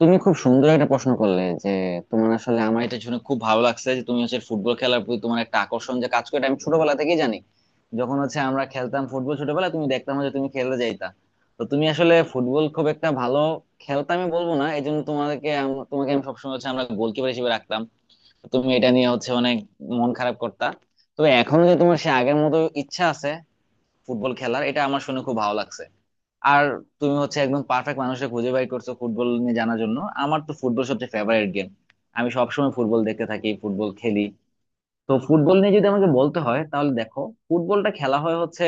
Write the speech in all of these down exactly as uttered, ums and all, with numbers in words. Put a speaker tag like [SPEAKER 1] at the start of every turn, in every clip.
[SPEAKER 1] তুমি খুব সুন্দর একটা প্রশ্ন করলে যে তোমার আসলে আমার এটা শুনে খুব ভালো লাগছে যে তুমি হচ্ছে ফুটবল খেলার প্রতি তোমার একটা আকর্ষণ যে কাজ করে, এটা আমি ছোটবেলা থেকেই জানি। যখন হচ্ছে আমরা খেলতাম ফুটবল ছোটবেলা, তুমি দেখতাম যে তুমি খেলতে যাইতা। তো তুমি আসলে ফুটবল খুব একটা ভালো খেলতে আমি বলবো না, এই জন্য তোমাকে আম- তোমাকে আমি সবসময় হচ্ছে আমরা গোলকিপার হিসেবে রাখতাম। তুমি এটা নিয়ে হচ্ছে অনেক মন খারাপ করতা। তবে এখন যে তোমার সে আগের মতো ইচ্ছা আছে ফুটবল খেলার, এটা আমার শুনে খুব ভালো লাগছে। আর তুমি হচ্ছে একদম পারফেক্ট মানুষকে খুঁজে বাই করছো ফুটবল নিয়ে জানার জন্য, আমার তো ফুটবল সবচেয়ে ফেভারিট গেম। আমি সবসময় ফুটবল দেখতে থাকি, ফুটবল খেলি। তো ফুটবল নিয়ে যদি আমাকে বলতে হয়, তাহলে দেখো, ফুটবলটা খেলা হয় হচ্ছে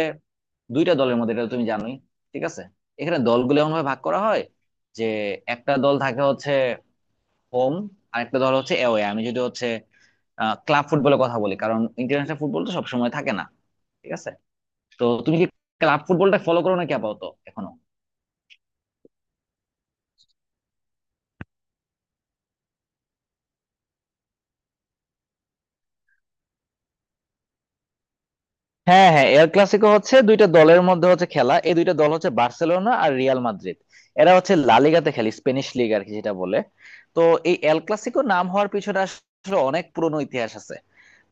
[SPEAKER 1] দুইটা দলের মধ্যে, এটা তো তুমি জানোই। ঠিক আছে, এখানে দলগুলো এমন ভাবে ভাগ করা হয় যে একটা দল থাকে হচ্ছে হোম, আর একটা দল হচ্ছে অ্যাওয়ে। আমি যদি হচ্ছে ক্লাব ফুটবলের কথা বলি, কারণ ইন্টারন্যাশনাল ফুটবল তো সবসময় থাকে না। ঠিক আছে, তো তুমি কি ক্লাব ফুটবলটা ফলো করো নাকি আপাতত এখনো? হ্যাঁ হ্যাঁ, এল ক্লাসিকো হচ্ছে দুইটা দলের মধ্যে হচ্ছে খেলা, এই দুইটা দল হচ্ছে বার্সেলোনা আর রিয়াল মাদ্রিদ। এরা হচ্ছে লা লিগাতে খেলে, স্পেনিশ লিগ আর কি যেটা বলে। তো এই এল ক্লাসিকো নাম হওয়ার পিছনে আসলে অনেক পুরনো ইতিহাস আছে।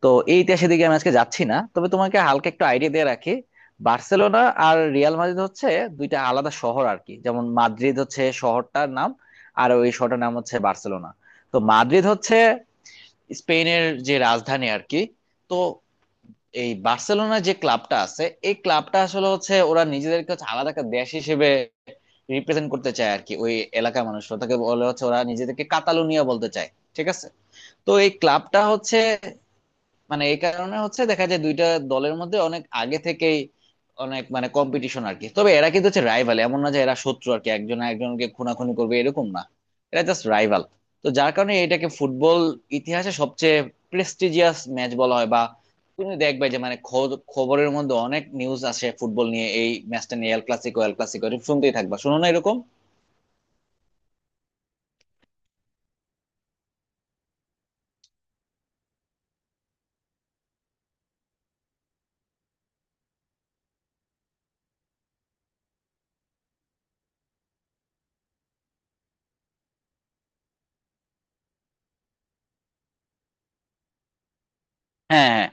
[SPEAKER 1] তো এই ইতিহাসের দিকে আমি আজকে যাচ্ছি না, তবে তোমাকে হালকা একটু আইডিয়া দিয়ে রাখি। বার্সেলোনা আর রিয়াল মাদ্রিদ হচ্ছে দুইটা আলাদা শহর আর কি, যেমন মাদ্রিদ হচ্ছে শহরটার নাম, আর ওই শহরটার নাম হচ্ছে বার্সেলোনা। তো মাদ্রিদ হচ্ছে স্পেনের যে রাজধানী আর কি। তো এই বার্সেলোনা যে ক্লাবটা আছে, এই ক্লাবটা আসলে হচ্ছে ওরা নিজেদেরকে হচ্ছে আলাদা একটা দেশ হিসেবে রিপ্রেজেন্ট করতে চায় আর কি। ওই এলাকার মানুষ ওটাকে বলে হচ্ছে, ওরা নিজেদেরকে কাতালুনিয়া বলতে চায়। ঠিক আছে, তো এই ক্লাবটা হচ্ছে মানে এই কারণে হচ্ছে দেখা যায় দুইটা দলের মধ্যে অনেক আগে থেকেই অনেক মানে কম্পিটিশন আর কি। তবে এরা কিন্তু হচ্ছে রাইভাল, এমন না যে এরা শত্রু আর কি, একজন একজনকে খুনাখুনি করবে এরকম না। এরা জাস্ট রাইভাল। তো যার কারণে এটাকে ফুটবল ইতিহাসে সবচেয়ে প্রেস্টিজিয়াস ম্যাচ বলা হয়। বা তুমি দেখবে যে মানে খ- খবরের মধ্যে অনেক নিউজ আসে ফুটবল নিয়ে, এই ম্যাচটা নিয়ে, এল ক্লাসিকো এল ক্লাসিকো শুনতেই থাকবা, শুনো না এরকম? হ্যাঁ হ্যাঁ।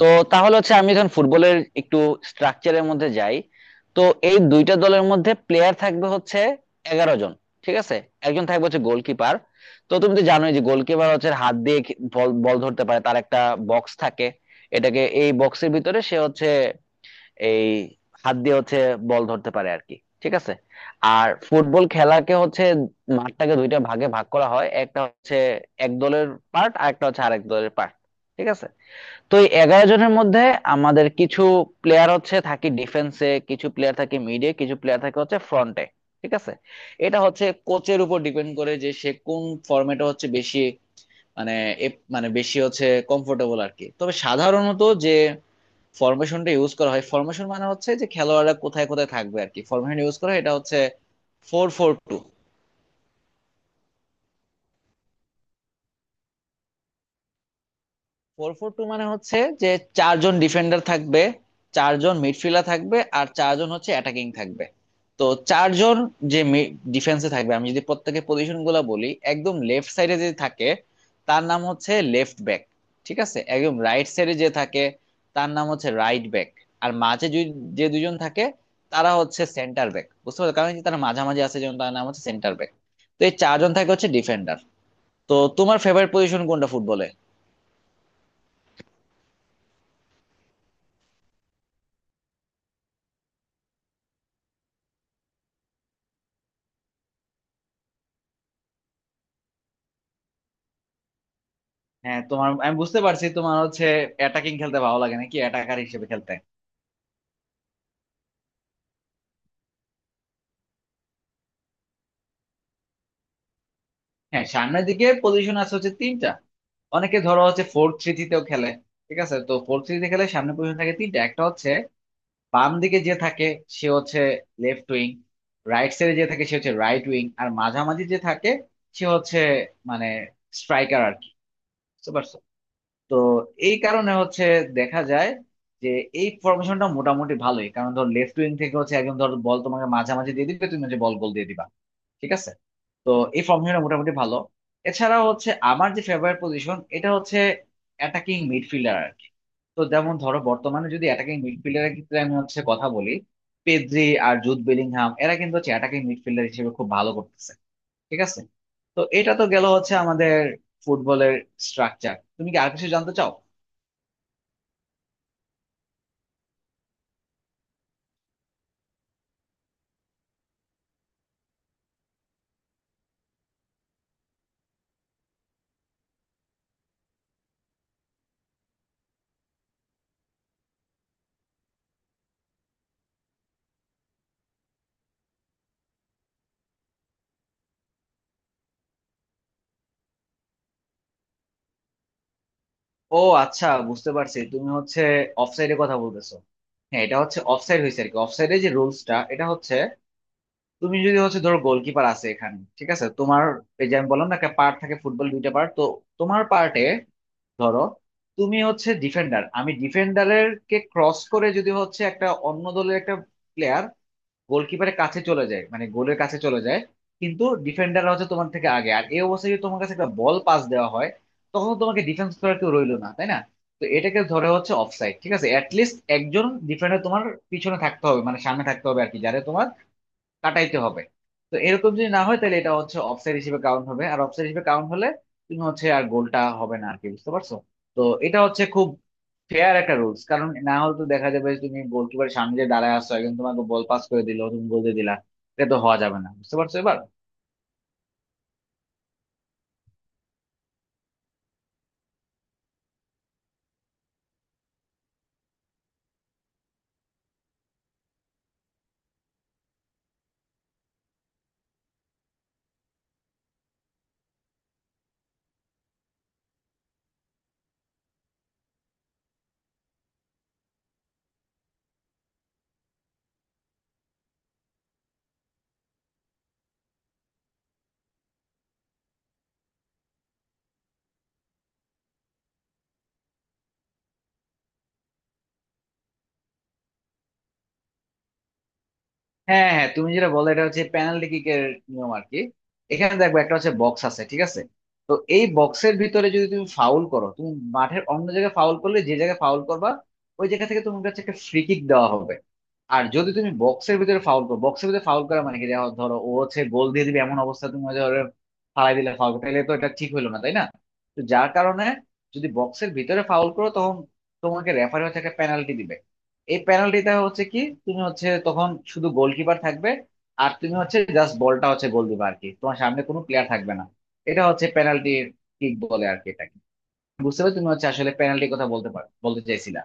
[SPEAKER 1] তো তাহলে হচ্ছে আমি যখন ফুটবলের একটু স্ট্রাকচারের মধ্যে যাই, তো এই দুইটা দলের মধ্যে প্লেয়ার থাকবে হচ্ছে এগারো জন। ঠিক আছে, একজন থাকবে হচ্ছে গোলকিপার। তো তুমি তো জানোই যে গোলকিপার হচ্ছে হাত দিয়ে খে- বল বল ধরতে পারে, তার একটা বক্স থাকে। এটাকে, এই বক্সের ভিতরে সে হচ্ছে এই হাত দিয়ে হচ্ছে বল ধরতে পারে আর কি। ঠিক আছে, আর ফুটবল খেলাকে হচ্ছে মাঠটাকে দুইটা ভাগে ভাগ করা হয়, একটা হচ্ছে এক দলের পার্ট আর একটা হচ্ছে আরেক দলের পার্ট। ঠিক আছে, তো এই এগারো জনের মধ্যে আমাদের কিছু প্লেয়ার হচ্ছে থাকে ডিফেন্সে, কিছু প্লেয়ার থাকে মিডে, কিছু প্লেয়ার থাকে হচ্ছে ফ্রন্টে। ঠিক আছে, এটা হচ্ছে কোচের উপর ডিপেন্ড করে যে সে কোন ফরম্যাটে হচ্ছে বেশি মানে এ- মানে বেশি হচ্ছে কমফোর্টেবল আর কি। তবে সাধারণত যে ফরমেশনটা ইউজ করা হয়, ফরমেশন মানে হচ্ছে যে খেলোয়াড়রা কোথায় কোথায় থাকবে আর কি, ফরমেশন ইউজ করা হয় এটা হচ্ছে four four two. Four four two মানে হচ্ছে যে চারজন ডিফেন্ডার থাকবে, চারজন মিডফিল্ডার থাকবে, আর চারজন হচ্ছে অ্যাটাকিং থাকবে। তো চারজন যে ডিফেন্সে থাকবে, আমি যদি প্রত্যেকের পজিশন গুলো বলি, একদম লেফট সাইডে যে থাকে তার নাম হচ্ছে লেফট ব্যাক। ঠিক আছে, একদম রাইট সাইডে যে থাকে তার নাম হচ্ছে রাইট ব্যাক। আর মাঝে যে- যে দুজন থাকে তারা হচ্ছে সেন্টার ব্যাক, বুঝতে পারছো? কারণ তারা মাঝামাঝি আছে, যেমন তার নাম হচ্ছে সেন্টার ব্যাক। তো এই চারজন থাকে হচ্ছে ডিফেন্ডার। তো তোমার ফেভারিট পজিশন কোনটা ফুটবলে? হ্যাঁ, তোমার আমি বুঝতে পারছি, তোমার হচ্ছে অ্যাটাকিং খেলতে ভালো লাগে নাকি অ্যাটাকার হিসেবে খেলতে। হ্যাঁ, সামনের দিকে পজিশন আছে হচ্ছে তিনটা। অনেকে ধরো হচ্ছে ফোর থ্রি থ্রিতেও খেলে। ঠিক আছে, তো ফোর থ্রি খেলে সামনে পজিশন থাকে তিনটা, একটা হচ্ছে বাম দিকে যে থাকে সে হচ্ছে লেফট উইং, রাইট সাইডে যে থাকে সে হচ্ছে রাইট উইং, আর মাঝামাঝি যে থাকে সে হচ্ছে মানে স্ট্রাইকার আর কি। বুঝতে পারছো? তো এই কারণে হচ্ছে দেখা যায় যে এই ফরমেশনটা মোটামুটি ভালোই, কারণ ধর লেফট উইং থেকে হচ্ছে একদম ধর বল তোমাকে মাঝামাঝি দিয়ে দিবে, তুমি হচ্ছে বল গোল দিয়ে দিবা। ঠিক আছে, তো এই ফর্মেশনটা মোটামুটি ভালো। এছাড়া হচ্ছে আমার যে ফেভারিট পজিশন এটা হচ্ছে অ্যাটাকিং মিডফিল্ডার আর কি। তো যেমন ধরো বর্তমানে যদি অ্যাটাকিং মিডফিল্ডারের ক্ষেত্রে আমি হচ্ছে কথা বলি, পেদ্রি আর জুড বেলিংহাম, এরা কিন্তু হচ্ছে অ্যাটাকিং মিডফিল্ডার হিসেবে খুব ভালো করতেছে। ঠিক আছে, তো এটা তো গেল হচ্ছে আমাদের ফুটবলের স্ট্রাকচার। তুমি কি আর কিছু জানতে চাও? ও আচ্ছা, বুঝতে পারছি, তুমি হচ্ছে অফসাইডের কথা বলতেছো। হ্যাঁ, এটা হচ্ছে অফসাইড হয়েছে আর কি। অফসাইডের যে রুলসটা এটা হচ্ছে তুমি যদি হচ্ছে ধরো গোলকিপার আছে এখানে, ঠিক আছে তোমার, এই যে আমি বললাম না একটা পার্ট থাকে, ফুটবল দুইটা পার্ট তো। তোমার পার্টে ধরো তুমি হচ্ছে ডিফেন্ডার, আমি ডিফেন্ডারের কে ক্রস করে যদি হচ্ছে একটা অন্য দলের একটা প্লেয়ার গোলকিপারের কাছে চলে যায়, মানে গোলের কাছে চলে যায়, কিন্তু ডিফেন্ডাররা হচ্ছে তোমার থেকে আগে, আর এই অবস্থায় যদি তোমার কাছে একটা বল পাস দেওয়া হয়, তখন তো তোমাকে ডিফেন্স করার কেউ রইলো না, তাই না? তো এটাকে ধরে হচ্ছে অফসাইড। ঠিক আছে, অ্যাটলিস্ট একজন ডিফেন্ডার তোমার পিছনে থাকতে হবে, মানে সামনে থাকতে হবে আর কি, যারা তোমার কাটাইতে হবে। তো এরকম যদি না হয়, তাহলে এটা হচ্ছে অফসাইড হিসেবে কাউন্ট হবে, আর অফসাইড হিসেবে কাউন্ট হলে তুমি হচ্ছে আর গোলটা হবে না আর কি। বুঝতে পারছো? তো এটা হচ্ছে খুব ফেয়ার একটা রুলস, কারণ না হলে তো দেখা যাবে যে তুমি গোলকিপারের সামনে যে দাঁড়ায় আসছো, একজন তোমাকে বল পাস করে দিল, তুমি গোল দিয়ে দিলা, এটা তো হওয়া যাবে না। বুঝতে পারছো এবার? হ্যাঁ হ্যাঁ হ্যাঁ, তুমি যেটা বলো এটা হচ্ছে পেনাল্টি কিকের নিয়ম আর কি। এখানে দেখবে একটা হচ্ছে বক্স আছে, ঠিক আছে? তো এই বক্সের ভিতরে যদি তুমি ফাউল করো, তুমি মাঠের অন্য জায়গায় ফাউল করলে যে জায়গায় ফাউল করবা, ওই জায়গা থেকে তোমার কাছে একটা ফ্রি কিক দেওয়া হবে। আর যদি তুমি বক্সের ভিতরে ফাউল করো, বক্সের ভিতরে ফাউল করা মানে কি দেখো, ধরো ও হচ্ছে গোল দিয়ে দিবে এমন অবস্থা, তুমি ধরো ফালাই দিলে ফাউল, তাহলে তো এটা ঠিক হলো না, তাই না? তো যার কারণে, যদি বক্সের ভিতরে ফাউল করো, তখন তোমাকে রেফারি হচ্ছে একটা পেনাল্টি দিবে। এই পেনাল্টিটা হচ্ছে কি, তুমি হচ্ছে তখন শুধু গোলকিপার থাকবে, আর তুমি হচ্ছে জাস্ট বলটা হচ্ছে গোল দিবে আর কি, তোমার সামনে কোনো প্লেয়ার থাকবে না। এটা হচ্ছে পেনাল্টির কিক বলে আর কি এটাকে। বুঝতে পারছো? তুমি হচ্ছে আসলে পেনাল্টির কথা বলতে পারো, বলতে চাইছিলা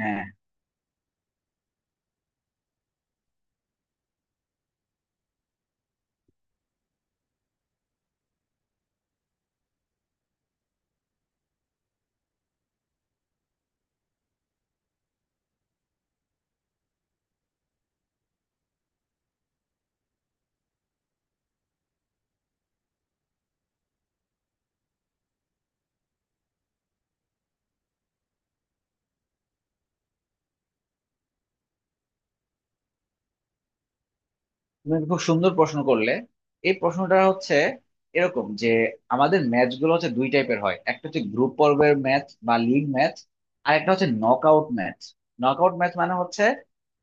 [SPEAKER 1] হ্যাঁ। তুমি একটা খুব সুন্দর প্রশ্ন করলে। এই প্রশ্নটা হচ্ছে এরকম যে আমাদের ম্যাচ গুলো হচ্ছে দুই টাইপের হয়, একটা হচ্ছে গ্রুপ পর্বের ম্যাচ বা লিগ ম্যাচ, আর একটা হচ্ছে নকআউট ম্যাচ। নকআউট ম্যাচ মানে হচ্ছে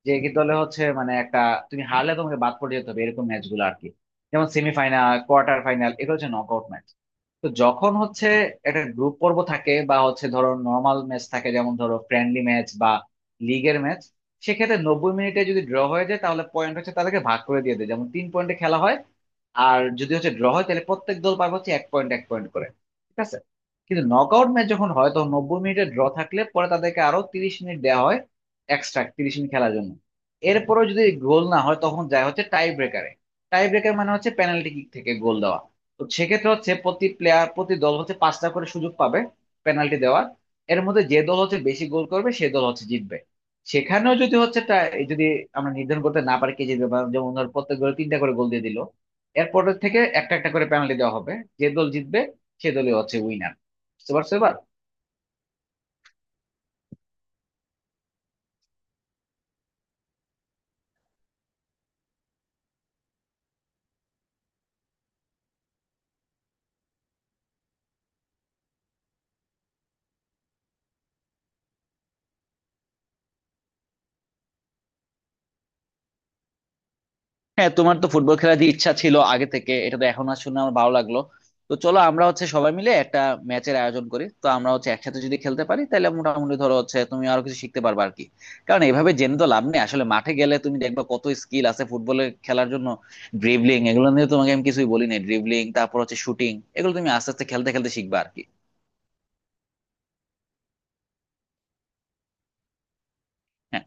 [SPEAKER 1] যে কি দলে হচ্ছে মানে একটা, তুমি হারলে তোমাকে বাদ পড়ে যেতে হবে, এরকম ম্যাচ গুলো আর কি। যেমন সেমিফাইনাল, কোয়ার্টার ফাইনাল, এগুলো হচ্ছে নকআউট ম্যাচ। তো যখন হচ্ছে একটা গ্রুপ পর্ব থাকে বা হচ্ছে ধরো নর্মাল ম্যাচ থাকে, যেমন ধরো ফ্রেন্ডলি ম্যাচ বা লিগের ম্যাচ, সেক্ষেত্রে নব্বই মিনিটে যদি ড্র হয়ে যায়, তাহলে পয়েন্ট হচ্ছে তাদেরকে ভাগ করে দিয়ে দেয়, যেমন তিন পয়েন্টে খেলা হয়। আর যদি হচ্ছে ড্র হয়, তাহলে প্রত্যেক দল পাবে হচ্ছে এক পয়েন্ট এক পয়েন্ট করে। ঠিক আছে, কিন্তু নকআউট ম্যাচ যখন হয় তখন নব্বই মিনিটে ড্র থাকলে পরে তাদেরকে আরো তিরিশ মিনিট দেওয়া হয়, এক্সট্রা তিরিশ মিনিট খেলার জন্য। এরপরেও যদি গোল না হয়, তখন যায় হচ্ছে টাই ব্রেকারে। টাই ব্রেকার মানে হচ্ছে পেনাল্টি কিক থেকে গোল দেওয়া। তো সেক্ষেত্রে হচ্ছে প্রতি প্লেয়ার, প্রতি দল হচ্ছে পাঁচটা করে সুযোগ পাবে পেনাল্টি দেওয়ার। এর মধ্যে যে দল হচ্ছে বেশি গোল করবে সে দল হচ্ছে জিতবে। সেখানেও যদি হচ্ছে tie- যদি আমরা নির্ধারণ করতে না পারি কে জিতবে, বা যেমন ধর প্রত্যেক দল তিনটা করে গোল দিয়ে দিল, এরপরের থেকে একটা একটা করে পেনাল্টি দেওয়া হবে, যে দল জিতবে সে দলই হচ্ছে উইনার। বুঝতে পারছো এবার? হ্যাঁ, তোমার তো ফুটবল খেলার যে ইচ্ছা ছিল আগে থেকে, এটা তো এখন আর শুনে আমার ভালো লাগলো। তো চলো আমরা হচ্ছে সবাই মিলে একটা ম্যাচের আয়োজন করি। তো আমরা হচ্ছে একসাথে যদি খেলতে পারি তাহলে মোটামুটি ধরো হচ্ছে তুমি আরো কিছু শিখতে পারবে আর কি, কারণ এভাবে জেনে তো লাভ নেই, আসলে মাঠে গেলে তুমি দেখবে কত স্কিল আছে ফুটবলে খেলার জন্য। ড্রিবলিং এগুলো নিয়ে তোমাকে আমি কিছুই বলি নাই, ড্রিবলিং তারপর হচ্ছে শুটিং, এগুলো তুমি আস্তে আস্তে খেলতে খেলতে শিখবা আর কি। হ্যাঁ